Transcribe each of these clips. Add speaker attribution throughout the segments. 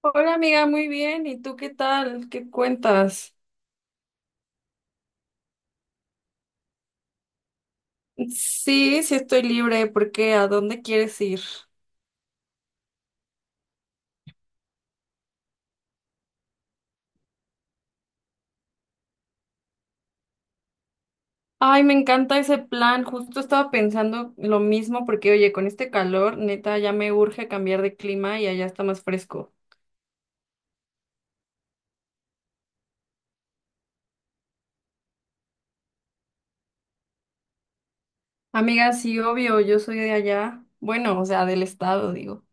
Speaker 1: Hola amiga, muy bien. ¿Y tú qué tal? ¿Qué cuentas? Sí, sí estoy libre. ¿Por qué? ¿A dónde quieres ir? Ay, me encanta ese plan. Justo estaba pensando lo mismo porque, oye, con este calor, neta, ya me urge cambiar de clima y allá está más fresco. Amiga, sí, obvio, yo soy de allá. Bueno, o sea, del estado, digo.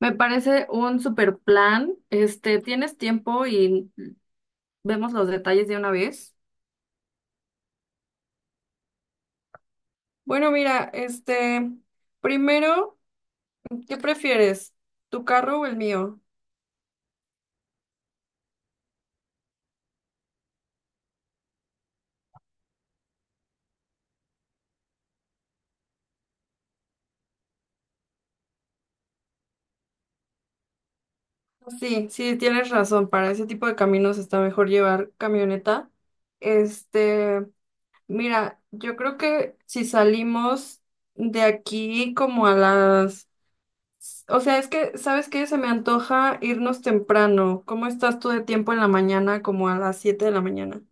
Speaker 1: Me parece un super plan. ¿Tienes tiempo y vemos los detalles de una vez? Bueno, mira, primero. ¿Qué prefieres? ¿Tu carro o el mío? Sí, sí, tienes razón. Para ese tipo de caminos está mejor llevar camioneta. Este, mira, yo creo que si salimos de aquí como a las. O sea, es que, ¿sabes qué? Se me antoja irnos temprano. ¿Cómo estás tú de tiempo en la mañana, como a las 7 de la mañana?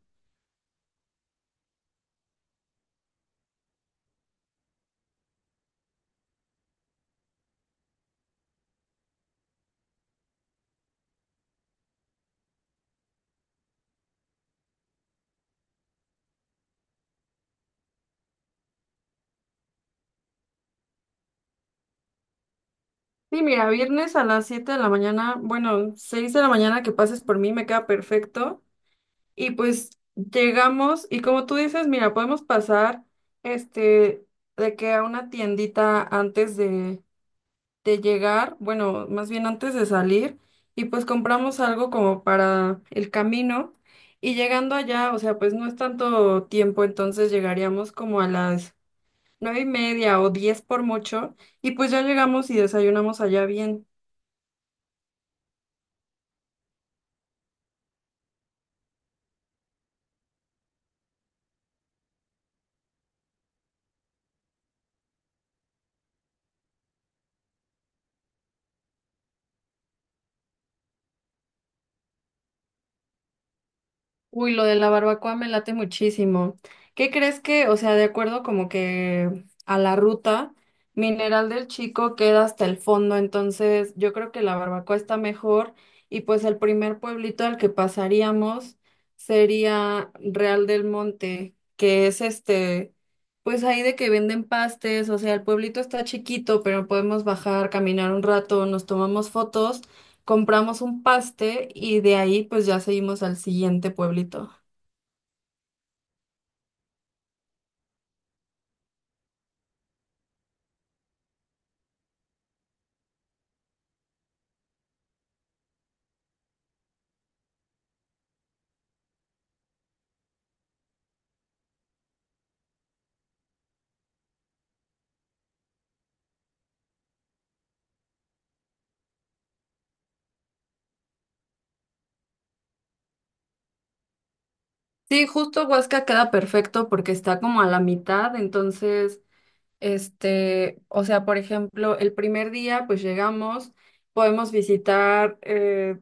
Speaker 1: Sí, mira, viernes a las 7 de la mañana, bueno, 6 de la mañana que pases por mí me queda perfecto. Y pues llegamos y como tú dices, mira, podemos pasar este de que a una tiendita antes de llegar, bueno, más bien antes de salir, y pues compramos algo como para el camino. Y llegando allá, o sea, pues no es tanto tiempo, entonces llegaríamos como a las 9 y media o 10 por mucho, y pues ya llegamos y desayunamos allá bien. Uy, lo de la barbacoa me late muchísimo. ¿Qué crees que, o sea, de acuerdo como que a la ruta, Mineral del Chico queda hasta el fondo, entonces yo creo que la barbacoa está mejor y pues el primer pueblito al que pasaríamos sería Real del Monte, que es pues ahí de que venden pastes, o sea, el pueblito está chiquito, pero podemos bajar, caminar un rato, nos tomamos fotos, compramos un paste y de ahí pues ya seguimos al siguiente pueblito. Sí, justo Huasca queda perfecto porque está como a la mitad, entonces, o sea, por ejemplo, el primer día pues llegamos, podemos visitar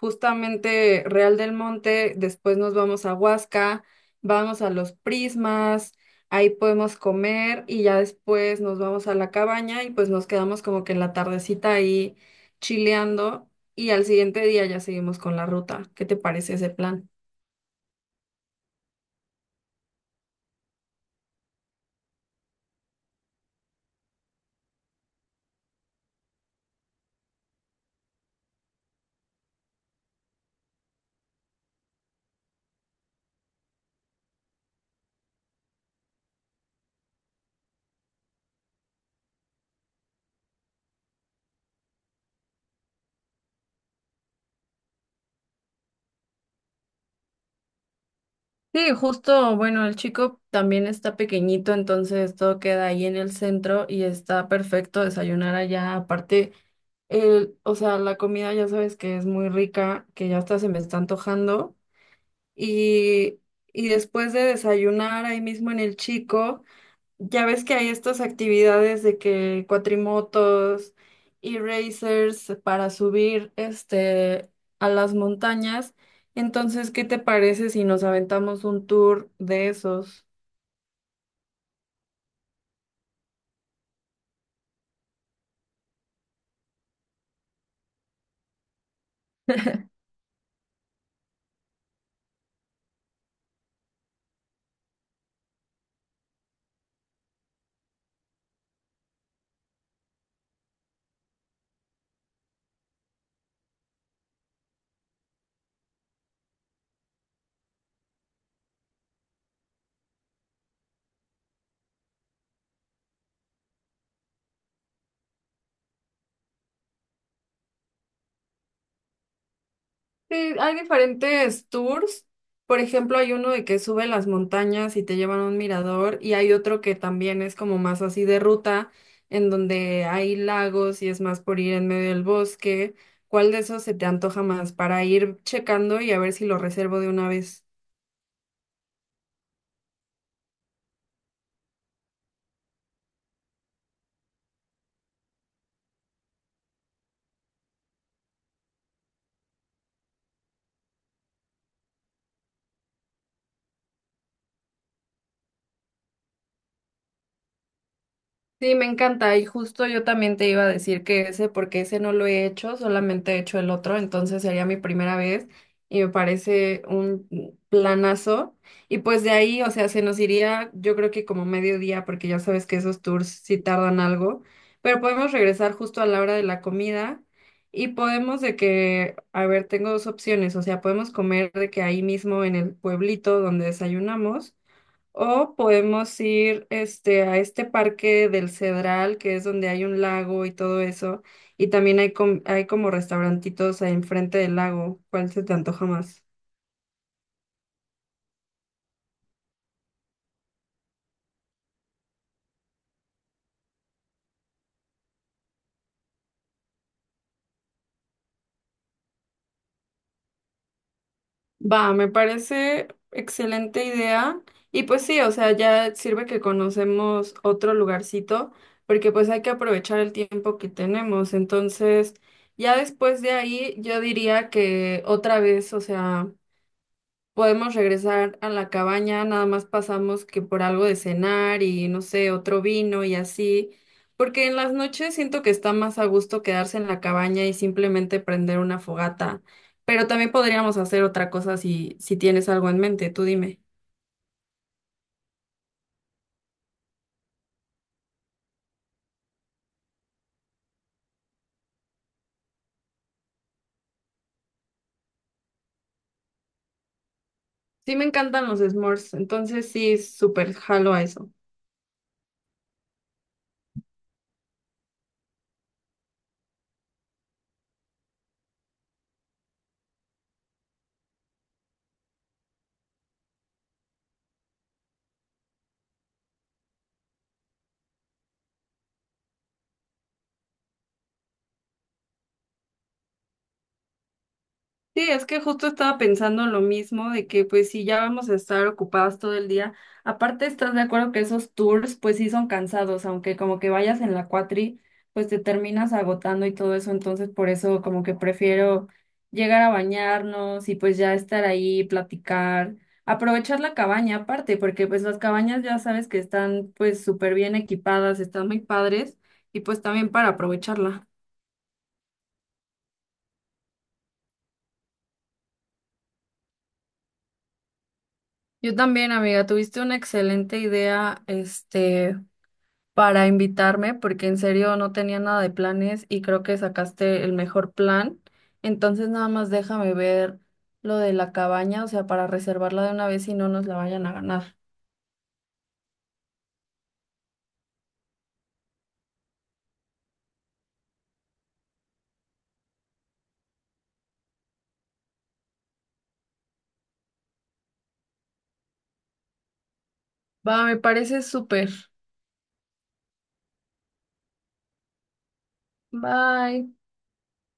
Speaker 1: justamente Real del Monte, después nos vamos a Huasca, vamos a los Prismas, ahí podemos comer y ya después nos vamos a la cabaña y pues nos quedamos como que en la tardecita ahí chileando y al siguiente día ya seguimos con la ruta. ¿Qué te parece ese plan? Sí, justo, bueno, el chico también está pequeñito, entonces todo queda ahí en el centro y está perfecto desayunar allá. Aparte, el, o sea, la comida ya sabes que es muy rica, que ya hasta se me está antojando. Y, y después de desayunar ahí mismo en el chico. Ya ves que hay estas actividades de que cuatrimotos y racers para subir a las montañas. Entonces, ¿qué te parece si nos aventamos un tour de esos? Sí, hay diferentes tours. Por ejemplo, hay uno de que sube las montañas y te llevan a un mirador, y hay otro que también es como más así de ruta, en donde hay lagos y es más por ir en medio del bosque. ¿Cuál de esos se te antoja más para ir checando y a ver si lo reservo de una vez? Sí, me encanta y justo yo también te iba a decir que ese, porque ese no lo he hecho, solamente he hecho el otro, entonces sería mi primera vez y me parece un planazo. Y pues de ahí, o sea, se nos iría yo creo que como mediodía, porque ya sabes que esos tours sí tardan algo, pero podemos regresar justo a la hora de la comida y podemos de que, a ver, tengo dos opciones, o sea, podemos comer de que ahí mismo en el pueblito donde desayunamos. O podemos ir a este parque del Cedral, que es donde hay un lago y todo eso. Y también hay como restaurantitos ahí enfrente del lago. ¿Cuál se te antoja más? Va, me parece excelente idea. Y pues sí, o sea, ya sirve que conocemos otro lugarcito, porque pues hay que aprovechar el tiempo que tenemos. Entonces, ya después de ahí, yo diría que otra vez, o sea. Podemos regresar a la cabaña, nada más pasamos que por algo de cenar y no sé, otro vino y así, porque en las noches siento que está más a gusto quedarse en la cabaña y simplemente prender una fogata, pero también podríamos hacer otra cosa si tienes algo en mente, tú dime. Sí me encantan los s'mores, entonces sí, súper jalo a eso. Sí, es que justo estaba pensando lo mismo, de que pues si ya vamos a estar ocupados todo el día, aparte estás de acuerdo que esos tours pues sí son cansados, aunque como que vayas en la cuatri, pues te terminas agotando y todo eso, entonces por eso como que prefiero llegar a bañarnos y pues ya estar ahí, platicar, aprovechar la cabaña aparte, porque pues las cabañas ya sabes que están pues súper bien equipadas, están muy padres y pues también para aprovecharla. Yo también, amiga, tuviste una excelente idea, para invitarme, porque en serio no tenía nada de planes y creo que sacaste el mejor plan. Entonces, nada más déjame ver lo de la cabaña, o sea, para reservarla de una vez y no nos la vayan a ganar. Va, me parece súper. Bye.